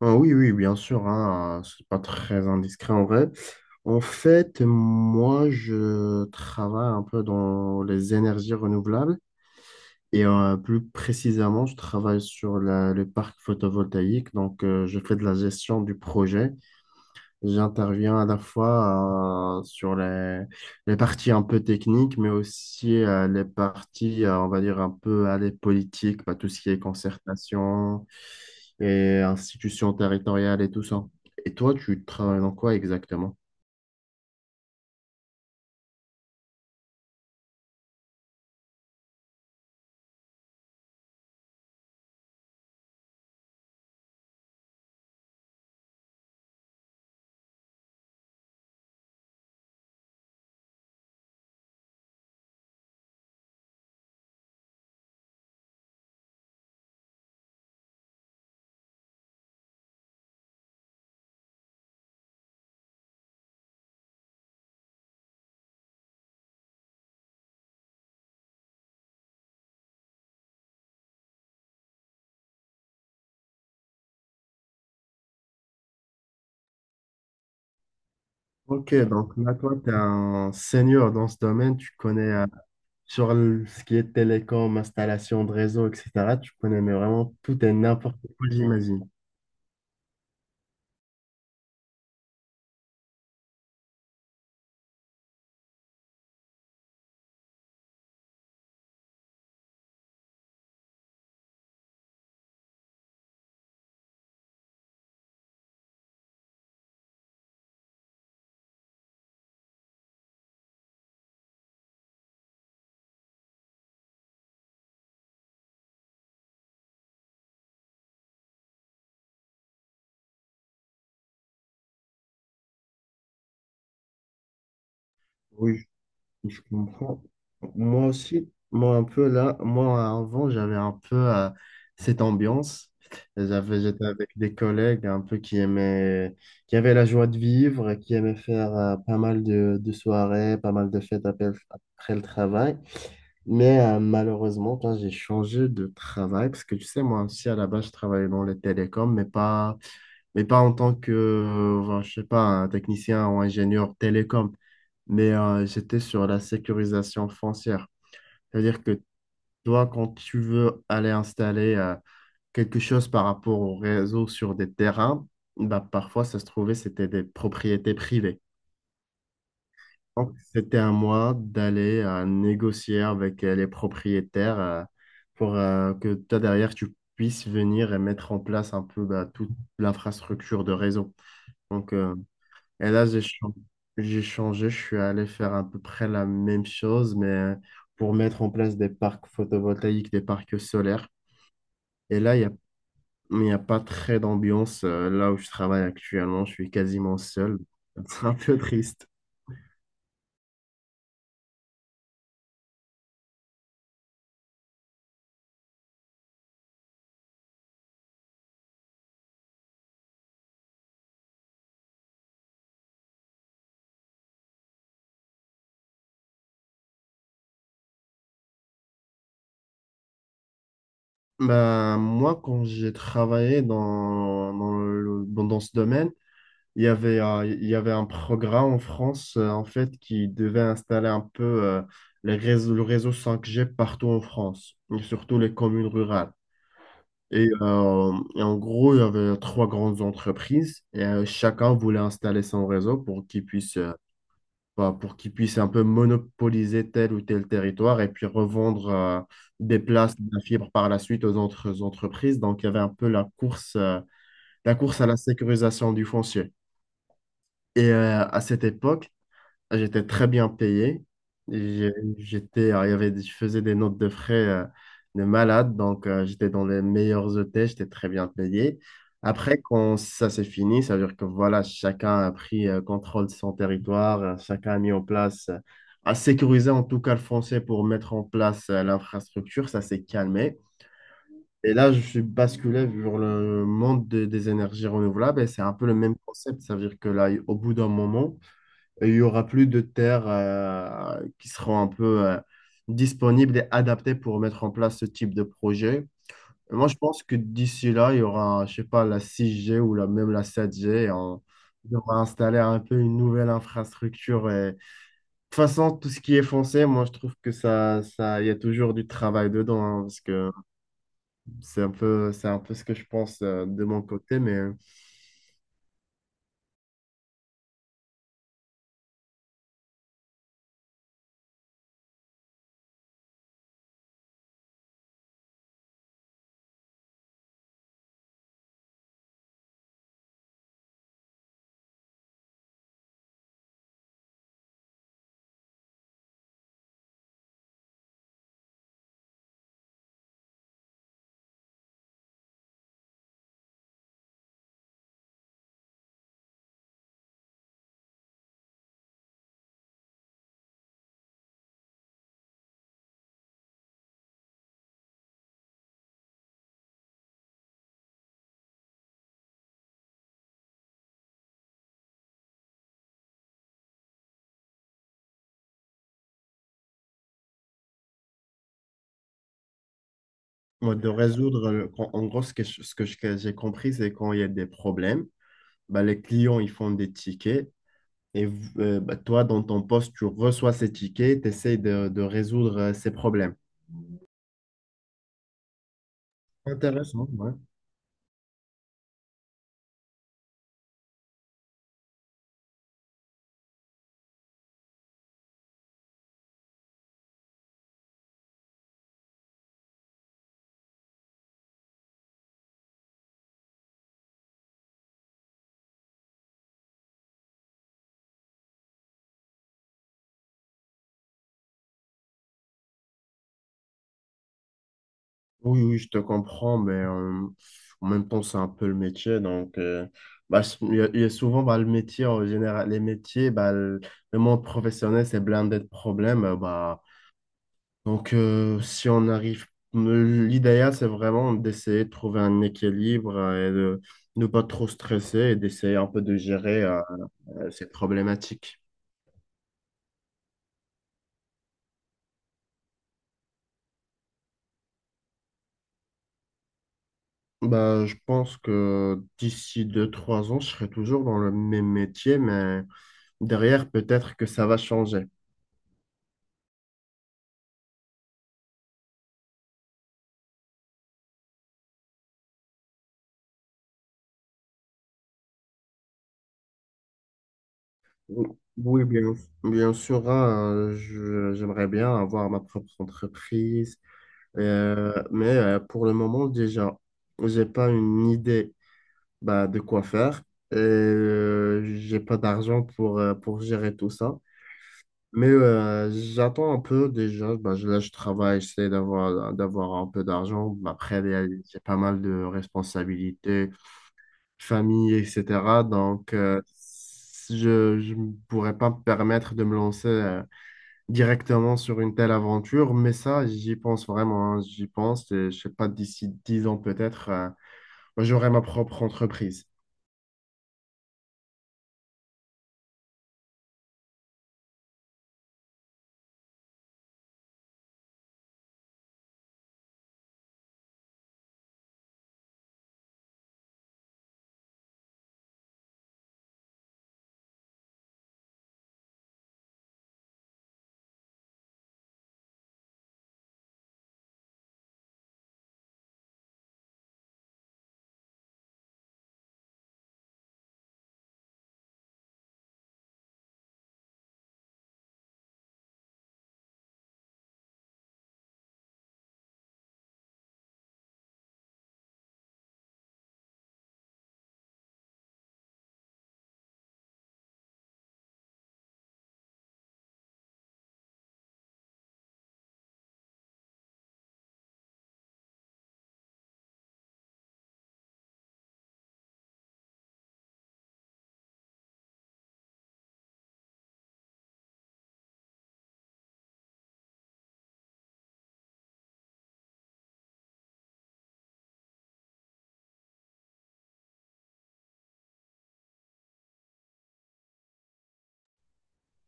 Ah oui, oui, bien sûr, hein, c'est pas très indiscret en vrai. En fait, moi, je travaille un peu dans les énergies renouvelables et plus précisément, je travaille sur le parc photovoltaïque. Donc, je fais de la gestion du projet. J'interviens à la fois sur les parties un peu techniques, mais aussi les parties, on va dire, un peu à les politiques, bah, tout ce qui est concertation et institutions territoriales et tout ça. Et toi, tu travailles dans quoi exactement? Ok, donc là, toi, tu es un senior dans ce domaine, tu connais sur ce qui est télécom, installation de réseau, etc. Tu connais mais vraiment tout et n'importe quoi, j'imagine. Oui, si je comprends. Moi aussi, moi un peu là, moi avant, j'avais un peu cette ambiance. J'étais avec des collègues un peu qui aimaient, qui avaient la joie de vivre, et qui aimaient faire pas mal de soirées, pas mal de fêtes après, après le travail. Mais malheureusement, quand j'ai changé de travail, parce que tu sais, moi aussi à la base, je travaillais dans les télécoms, mais pas en tant que, je sais pas, un technicien ou ingénieur télécom mais j'étais sur la sécurisation foncière. C'est-à-dire que toi, quand tu veux aller installer quelque chose par rapport au réseau sur des terrains, bah, parfois, ça se trouvait, c'était des propriétés privées. Donc, c'était à moi d'aller négocier avec les propriétaires pour que toi, derrière, tu puisses venir et mettre en place un peu bah, toute l'infrastructure de réseau. Donc, euh, Et là, j'ai changé, je suis allé faire à peu près la même chose, mais pour mettre en place des parcs photovoltaïques, des parcs solaires. Et là, il y a pas très d'ambiance. Là où je travaille actuellement, je suis quasiment seul. C'est un peu triste. Bah, moi, quand j'ai travaillé dans ce domaine, il y avait un programme en France, en fait, qui devait installer un peu les réseaux, le réseau 5G partout en France, et surtout les communes rurales. Et en gros, il y avait trois grandes entreprises et chacun voulait installer son réseau pour qu'il puisse, pour qu'il puisse un peu monopoliser tel ou tel territoire et puis revendre des places de la fibre par la suite aux autres entreprises. Donc, il y avait un peu la course à la sécurisation du foncier. Et à cette époque, j'étais très bien payé. J'ai- J'étais, il y avait, je faisais des notes de frais de malade, donc j'étais dans les meilleurs hôtels, j'étais très bien payé. Après, quand ça s'est fini, ça veut dire que voilà, chacun a pris contrôle de son territoire, chacun a mis en place, a sécurisé en tout cas le français pour mettre en place l'infrastructure, ça s'est calmé. Et là, je suis basculé vers le monde des énergies renouvelables et c'est un peu le même concept. Ça veut dire que là, au bout d'un moment, et il y aura plus de terres qui seront un peu disponibles et adaptées pour mettre en place ce type de projet. Et moi, je pense que d'ici là, il y aura, je sais pas, la 6G ou la, même la 7G et on va installer un peu une nouvelle infrastructure. Et... De toute façon, tout ce qui est foncé, moi, je trouve que il y a toujours du travail dedans, hein, parce que c'est un peu ce que je pense de mon côté. Mais moi, de résoudre, en gros, ce que que j'ai compris, c'est quand il y a des problèmes bah, les clients, ils font des tickets. Et toi, dans ton poste, tu reçois ces tickets, tu essaies de résoudre ces problèmes. Intéressant, ouais. Oui, oui, je te comprends, mais en même temps, c'est un peu le métier. Donc, il y a souvent bah, le métier, en général, les métiers, le monde professionnel, c'est blindé de problèmes. Si on arrive, l'idéal, c'est vraiment d'essayer de trouver un équilibre et de ne pas trop stresser et d'essayer un peu de gérer. C'est problématique. Bah, je pense que d'ici deux trois ans, je serai toujours dans le même métier, mais derrière, peut-être que ça va changer. Oui, bien, bien sûr, hein, j'aimerais bien avoir ma propre entreprise, mais pour le moment, déjà, j'ai pas une idée bah, de quoi faire et j'ai pas d'argent pour gérer tout ça. Mais j'attends un peu déjà. Bah, là, je travaille, j'essaie d'avoir un peu d'argent. Bah, après, il y a pas mal de responsabilités, famille, etc. Donc, si je je ne pourrais pas me permettre de me lancer directement sur une telle aventure. Mais ça, j'y pense vraiment, hein. J'y pense. Et, je sais pas, d'ici 10 ans peut-être, moi, j'aurai ma propre entreprise.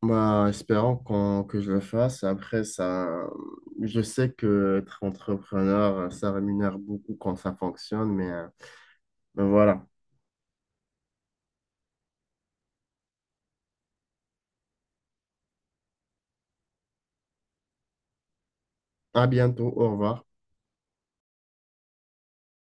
Bah, espérons que je le fasse. Après, ça, je sais que être entrepreneur, ça rémunère beaucoup quand ça fonctionne, mais ben voilà. À bientôt, au revoir.